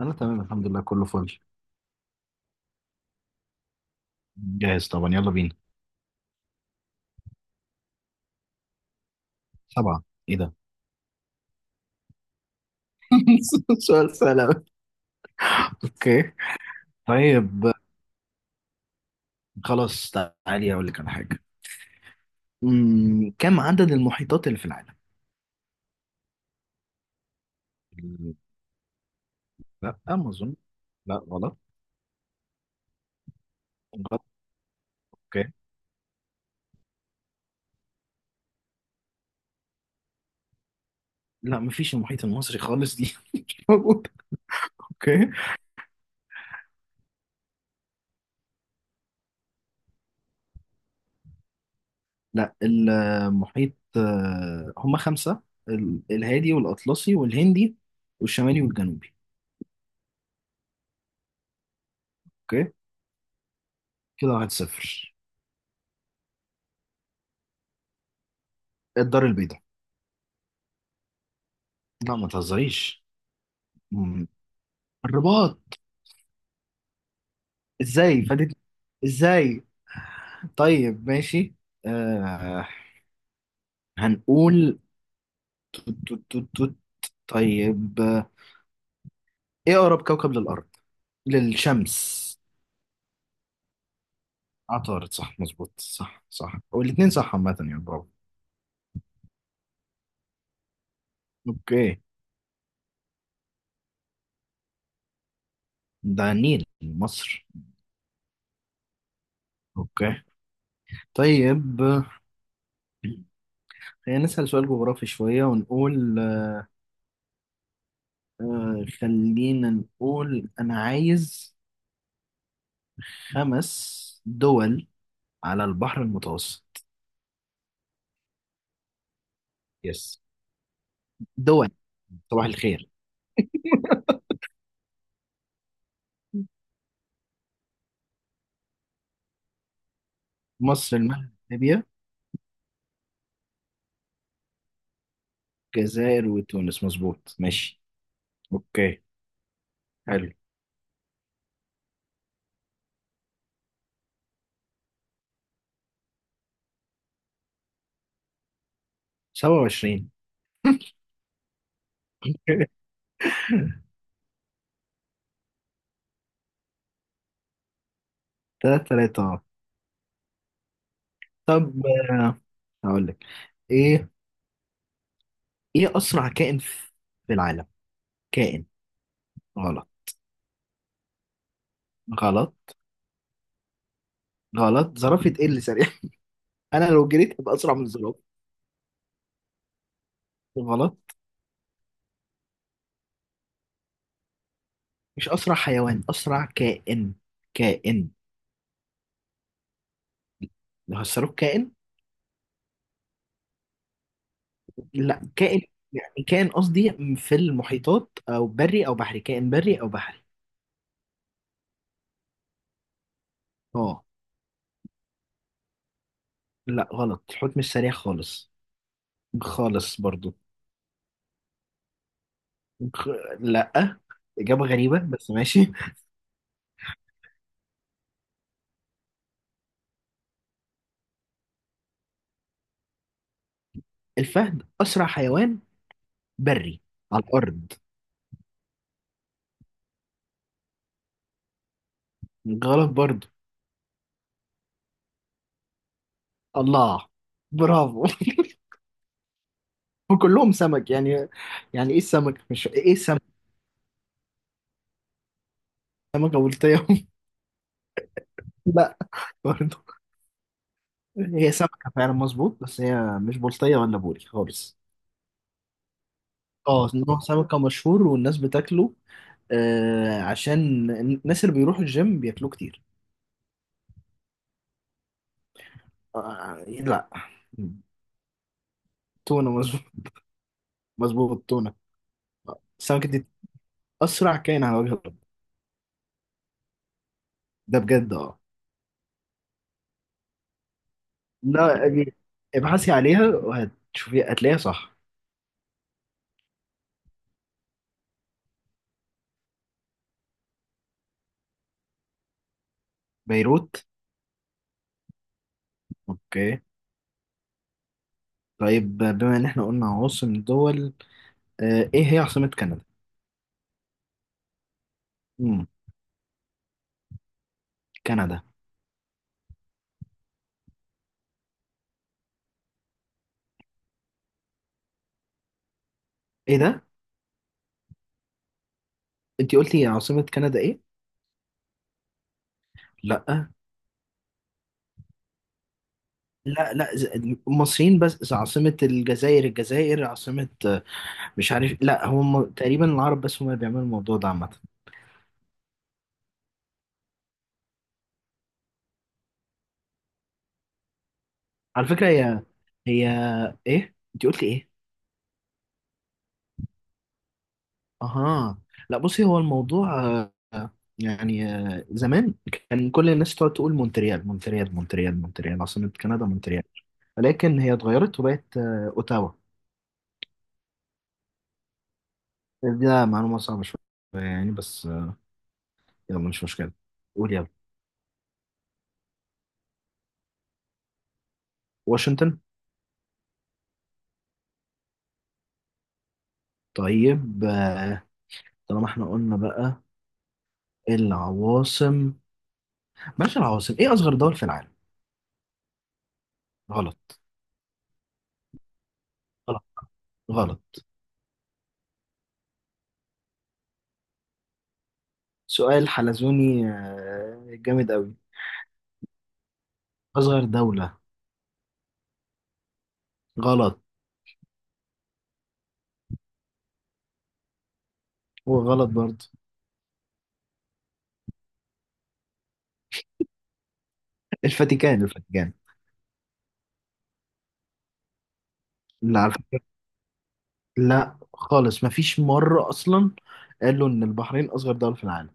انا تمام الحمد لله كله فل. جاهز طبعا، يلا بينا. سبعة. ايه ده؟ سؤال سهل أوي. اوكي. طيب خلاص، تعالي اقول لك على حاجة. كم عدد المحيطات اللي في العالم؟ لا ما اظن. لا غلط. غلط. اوكي. لا مفيش المحيط المصري خالص، دي مش موجودة. اوكي. لا المحيط، هما خمسة. الهادي والأطلسي والهندي والشمالي والجنوبي. اوكي. كده 1-0. الدار البيضاء. لا ما تهزريش. مم. الرباط. ازاي فاتت؟ ازاي؟ طيب ماشي. آه هنقول توت توت توت توت. طيب، ايه اقرب كوكب للشمس؟ عطارد، صح مظبوط، صح صح والاتنين صح عامة، يعني برافو. اوكي. ده النيل، مصر. اوكي. طيب، خلينا نسأل سؤال جغرافي شوية ونقول، خلينا نقول انا عايز خمس دول على البحر المتوسط. يس. دول. صباح الخير. مصر، المغرب، ليبيا، الجزائر وتونس، مظبوط ماشي. اوكي. حلو. 27. 3-3، اه. طب، هقول لك ايه. ايه اسرع كائن في العالم؟ كائن. غلط. غلط. غلط. زرافة؟ ايه اللي سريع؟ انا لو جريت ابقى اسرع من الزرافة. غلط. مش اسرع حيوان، اسرع كائن. كائن. لو هسروك كائن. لا، كائن يعني، كائن قصدي، في المحيطات او بري او بحري، كائن بري او بحري. اه. لا غلط، الحوت مش سريع خالص. خالص برضو. خ... لا، اجابه غريبه بس ماشي. الفهد اسرع حيوان بري على الارض. غلط برضو. الله، برافو. وكلهم سمك يعني. يعني ايه السمك، مش ايه السمك. سمكه بلطيه. لا، برضو. هي سمكه فعلا، مظبوط، بس هي مش بلطيه ولا بوري خالص. اه، نوع سمكة مشهور والناس بتاكله، عشان الناس اللي بيروحوا الجيم بياكلوه كتير. لا. تونة، مظبوط. مظبوط، تونة. السمكة دي أسرع كائن على وجه الأرض. ده بجد. اه. لا دي- ابحثي عليها وهتشوفي، هتلاقيها صح. بيروت. اوكي. طيب، بما ان احنا قلنا عواصم دول، ايه هي عاصمة كندا؟ مم. كندا. ايه ده؟ انتي قلتي عاصمة كندا ايه؟ لا لا لا، المصريين بس، عاصمة الجزائر الجزائر، عاصمة، مش عارف، لا هم تقريبا العرب بس هم اللي بيعملوا الموضوع ده عامة. على فكرة هي ايه، انت قلت ايه؟ اها. لا بصي، هو الموضوع، يعني، زمان كان كل الناس تقعد تقول مونتريال مونتريال مونتريال مونتريال، عاصمة كندا مونتريال، ولكن هي اتغيرت وبقت، اوتاوا. ده معلومة صعبة شوية يعني، بس، يلا مش مشكلة، قول يلا. واشنطن. طيب، طالما احنا قلنا بقى العواصم، بلاش العواصم. ايه اصغر دول في العالم؟ غلط. غلط. غلط. سؤال حلزوني، جامد قوي. اصغر دولة. غلط. وغلط برضه. الفاتيكان، الفاتيكان. لا على فكرة. لا خالص، مفيش مرة اصلا قالوا ان البحرين اصغر دولة في العالم.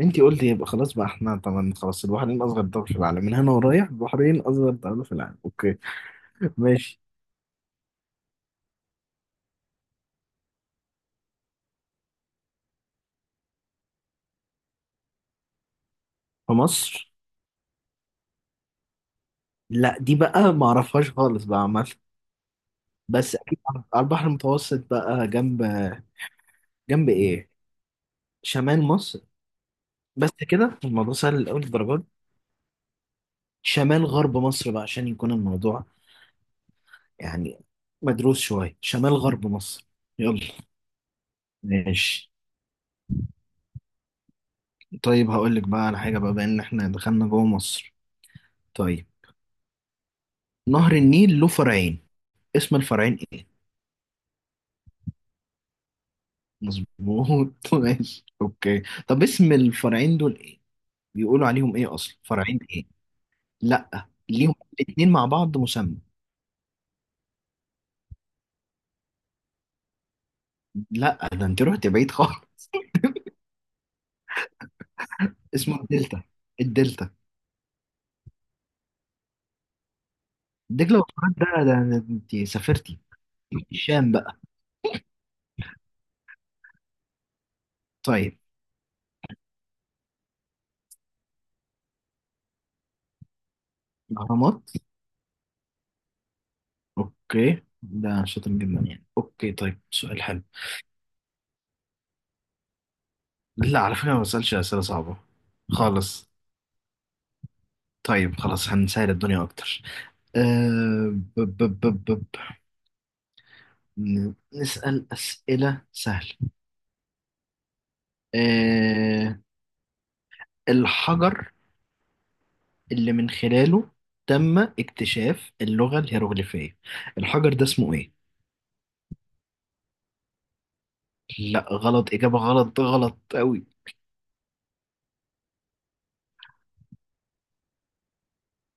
انتي قلتي يبقى خلاص بقى، احنا طبعا خلاص، البحرين اصغر دولة في العالم، من هنا ورايح البحرين اصغر دولة في العالم. اوكي. ماشي. في مصر. لا دي بقى ما اعرفهاش خالص بقى عامة، بس اكيد على البحر المتوسط بقى، جنب. جنب ايه؟ شمال مصر. بس كده الموضوع سهل لأول الدرجات. شمال غرب مصر بقى، عشان يكون الموضوع، يعني، مدروس شوية. شمال غرب مصر. يلا. ماشي. طيب هقول لك بقى على حاجة بقى، بما ان احنا دخلنا جوه مصر. طيب، نهر النيل له فرعين. اسم الفرعين ايه؟ مظبوط. ماشي. اوكي. طب اسم الفرعين دول ايه؟ بيقولوا عليهم ايه اصلا؟ فرعين ايه؟ لا، ليهم الاتنين مع بعض مسمى. لا ده انت رحت بعيد خالص. اسمه الدلتا. الدلتا. دجلة والفرات؟ ده انت سافرتي الشام بقى. طيب، الاهرامات. اوكي، ده شاطر جدا يعني. اوكي، طيب سؤال حلو. لا، على فكرة ما بسألش أسئلة صعبة خالص. طيب خلاص، هنسهل الدنيا أكتر. أه ب ب ب ب ب. نسأل أسئلة سهلة. أه الحجر اللي من خلاله تم اكتشاف اللغة الهيروغليفية، الحجر ده اسمه إيه؟ لا غلط، إجابة غلط، غلط أوي.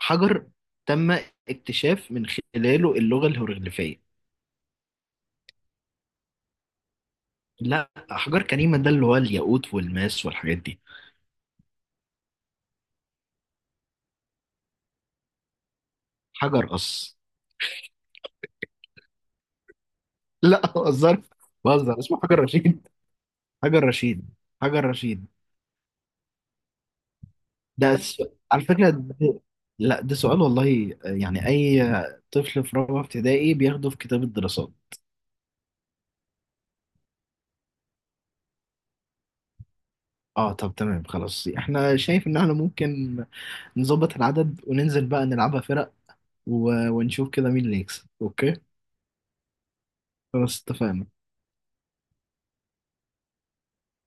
حجر تم اكتشاف من خلاله اللغة الهيروغليفية. لا، أحجار كريمة ده اللي هو الياقوت والماس والحاجات دي. حجر قص. لا بهزر، بهزر. اسمه حجر رشيد. حجر رشيد. حجر رشيد. ده س... على فكرة ده... لا، ده سؤال والله، يعني أي طفل في رابعة ابتدائي بياخده في كتاب الدراسات. اه، طب تمام خلاص، احنا شايف ان احنا ممكن نظبط العدد وننزل بقى نلعبها فرق، ونشوف كده مين اللي يكسب. اوكي. خلاص اتفقنا.